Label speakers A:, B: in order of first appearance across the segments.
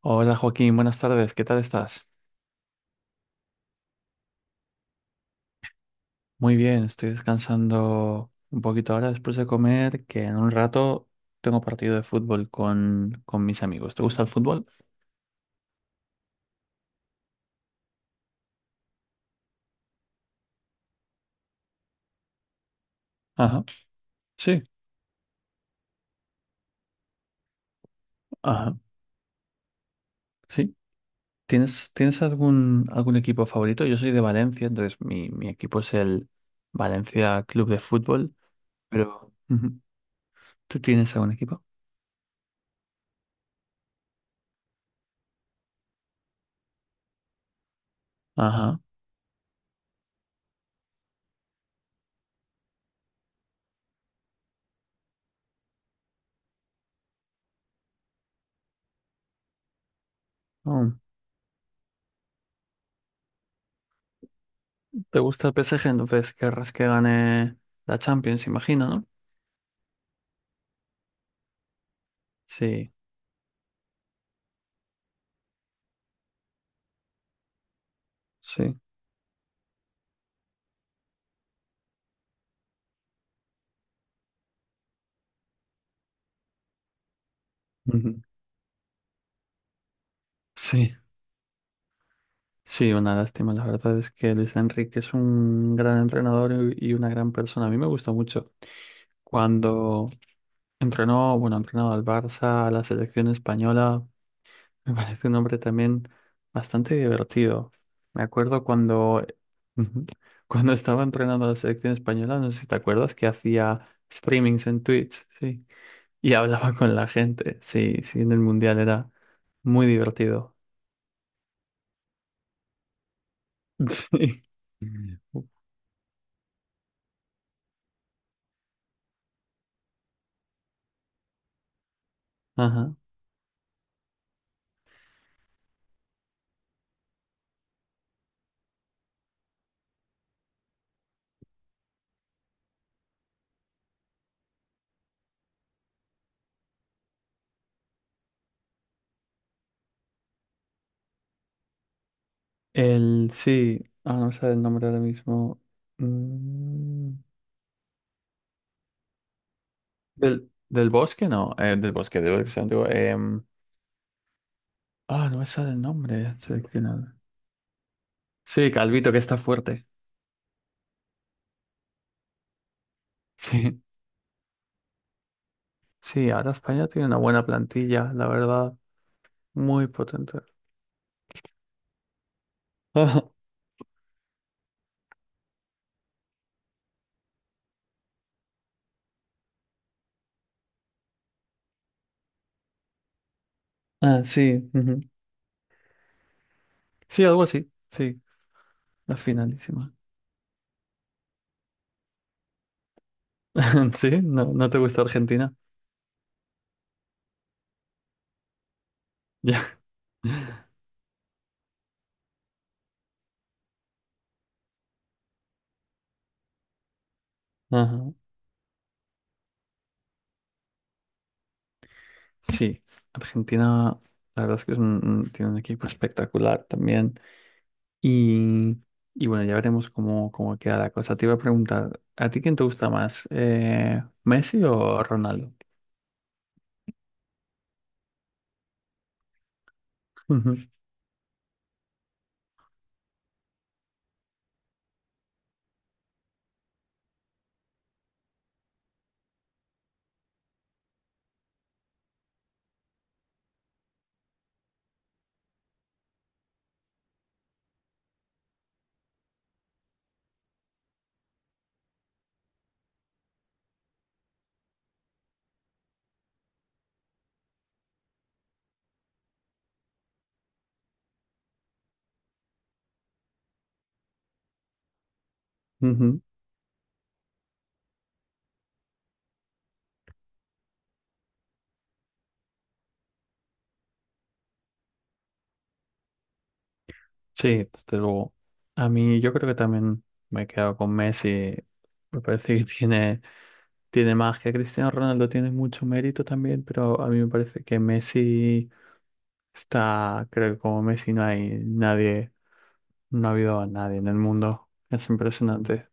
A: Hola Joaquín, buenas tardes, ¿qué tal estás? Muy bien, estoy descansando un poquito ahora después de comer, que en un rato tengo partido de fútbol con mis amigos. ¿Te gusta el fútbol? Ajá, sí, ajá, sí. ¿¿Tienes algún equipo favorito? Yo soy de Valencia, entonces mi equipo es el Valencia Club de Fútbol, pero ujú, ¿tú tienes algún equipo? Ajá. Oh, ¿te gusta el PSG? Entonces querrás que gane la Champions, imagino, ¿no? Sí, sí. Ujú. Sí, sí, una lástima. La verdad es que Luis Enrique es un gran entrenador y una gran persona. A mí me gustó mucho cuando entrenó, bueno, ha entrenado al Barça, a la selección española. Me parece un hombre también bastante divertido. Me acuerdo cuando, ujú, cuando estaba entrenando a la selección española, no sé si te acuerdas, que hacía streamings en Twitch, sí, y hablaba con la gente. Sí, sí, en el Mundial era muy divertido. Sí. Ajá. El, sí, ah, no sé el nombre ahora mismo. Mm, del bosque, no, del bosque, de Bosque Antiguo. Ah, no me sale el nombre seleccionado. Sí, Calvito, que está fuerte. Sí, sí, ahora España tiene una buena plantilla, la verdad, muy potente. Ajá. Ah, sí, ujú. Sí, algo así, sí, la finalísima. Sí, no, no te gusta Argentina. Ya. Ajá. Sí, Argentina, la verdad es que es un- tiene un equipo espectacular también. Y, y bueno, ya veremos cómo, cómo queda la cosa. Te iba a preguntar, ¿a ti quién te gusta más? ¿Messi o Ronaldo? Ujú, ujú. Sí, desde luego. A mí yo creo que también me he quedado con Messi. Me parece que tiene, tiene magia. Cristiano Ronaldo tiene mucho mérito también, pero a mí me parece que Messi está, creo que como Messi no hay nadie. No ha habido a nadie en el mundo. Es impresionante.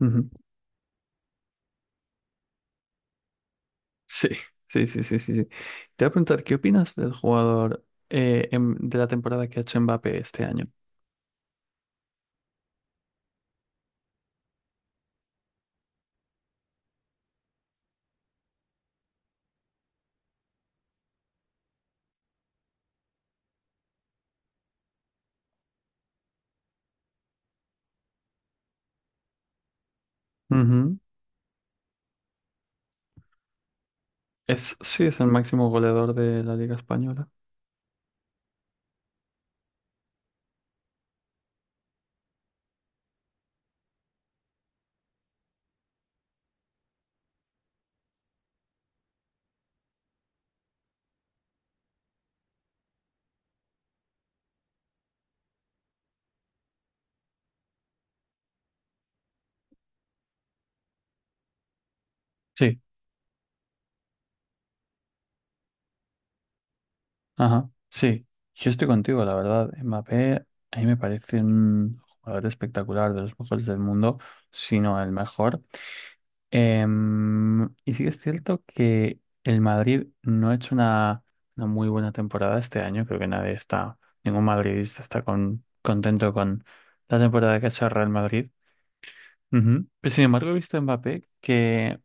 A: Ujú. Sí, sí, sí, sí, sí, sí. Te voy a preguntar, ¿qué opinas del jugador de la temporada que ha hecho Mbappé este año? Ujú. Es, sí, es el máximo goleador de la Liga Española. Sí, ajá, sí. Yo estoy contigo, la verdad. Mbappé a mí me parece un jugador espectacular, de los mejores del mundo, si no el mejor. Y sí que es cierto que el Madrid no ha hecho una muy buena temporada este año. Creo que nadie está, ningún madridista está con- contento con la temporada que ha hecho el Real Madrid. Ujú. Pero sin embargo, he visto a Mbappé que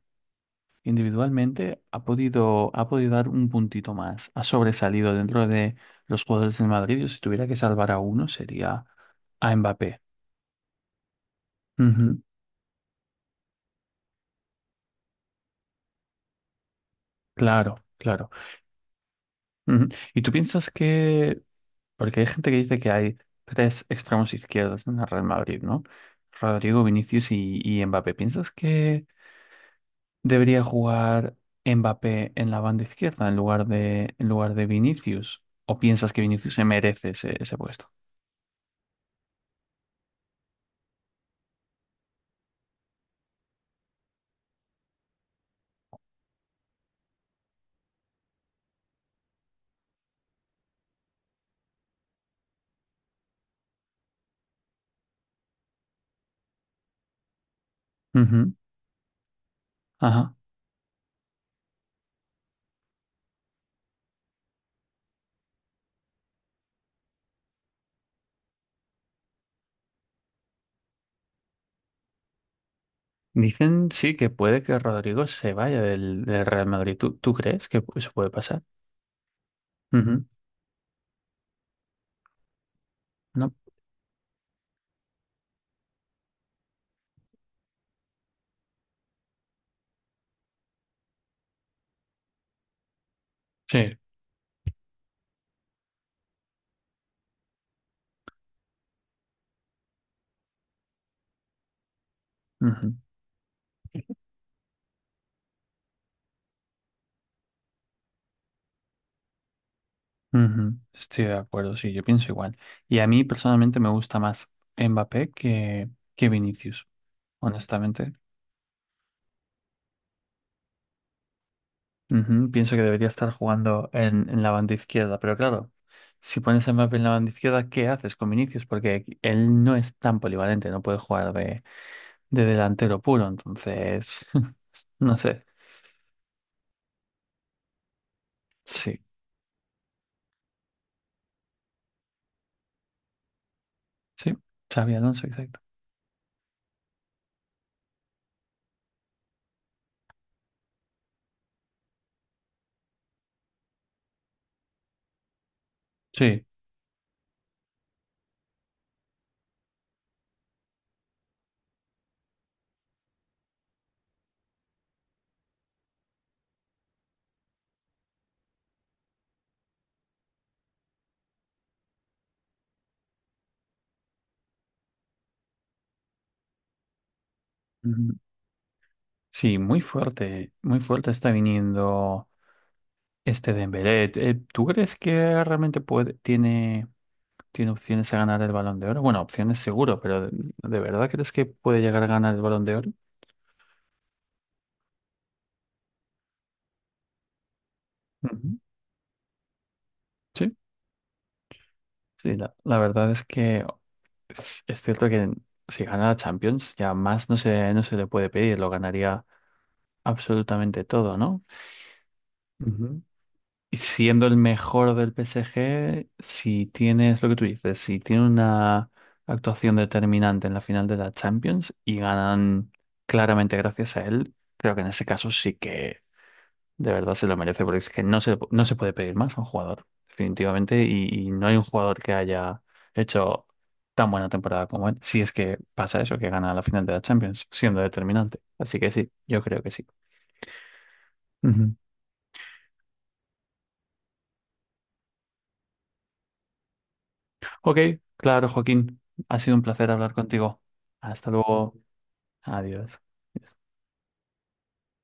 A: individualmente ha podido dar un puntito más. Ha sobresalido dentro de los jugadores del Madrid. Y si tuviera que salvar a uno, sería a Mbappé. Ujú. Claro, claro. Ujú. ¿Y tú piensas que porque hay gente que dice que hay tres extremos izquierdos en el Real Madrid, ¿no? Rodrigo, Vinicius y Mbappé. ¿Piensas que debería jugar Mbappé en la banda izquierda en lugar de Vinicius? ¿O piensas que Vinicius se merece ese, ese puesto? Ujú, ajá. Dicen sí que puede que Rodrigo se vaya del, del Real Madrid. ¿¿Tú crees que eso puede pasar? Ujú, ¿no? Sí. Ujú. Ujú, estoy de acuerdo, sí, yo pienso igual. Y a mí personalmente me gusta más Mbappé que Vinicius, honestamente. Ujú, pienso que debería estar jugando en la banda izquierda, pero claro, si pones a Mbappé en la banda izquierda, ¿qué haces con Vinicius? Porque aquí- él no es tan polivalente, no puede jugar de delantero puro, entonces, no sé. Sí, sí, Xavi Alonso, exacto. Sí, ujú. Sí, muy fuerte está viniendo. Este Dembélé, ¿tú crees que realmente puede, tiene, tiene opciones a ganar el Balón de Oro? Bueno, opciones seguro, pero ¿de verdad crees que puede llegar a ganar el Balón de Oro? Ujú. Sí, sí, la verdad es que es cierto que si gana la Champions, ya más no se, no se le puede pedir, lo ganaría absolutamente todo, ¿no? Ujú. Y siendo el mejor del PSG, si tienes lo que tú dices, si tiene una actuación determinante en la final de la Champions y ganan claramente gracias a él, creo que en ese caso sí que de verdad se lo merece, porque es que no se, no se puede pedir más a un jugador, definitivamente, y no hay un jugador que haya hecho tan buena temporada como él, si es que pasa eso, que gana la final de la Champions, siendo determinante. Así que sí, yo creo que sí. Ok, claro, Joaquín. Ha sido un placer hablar contigo. Hasta luego. Adiós.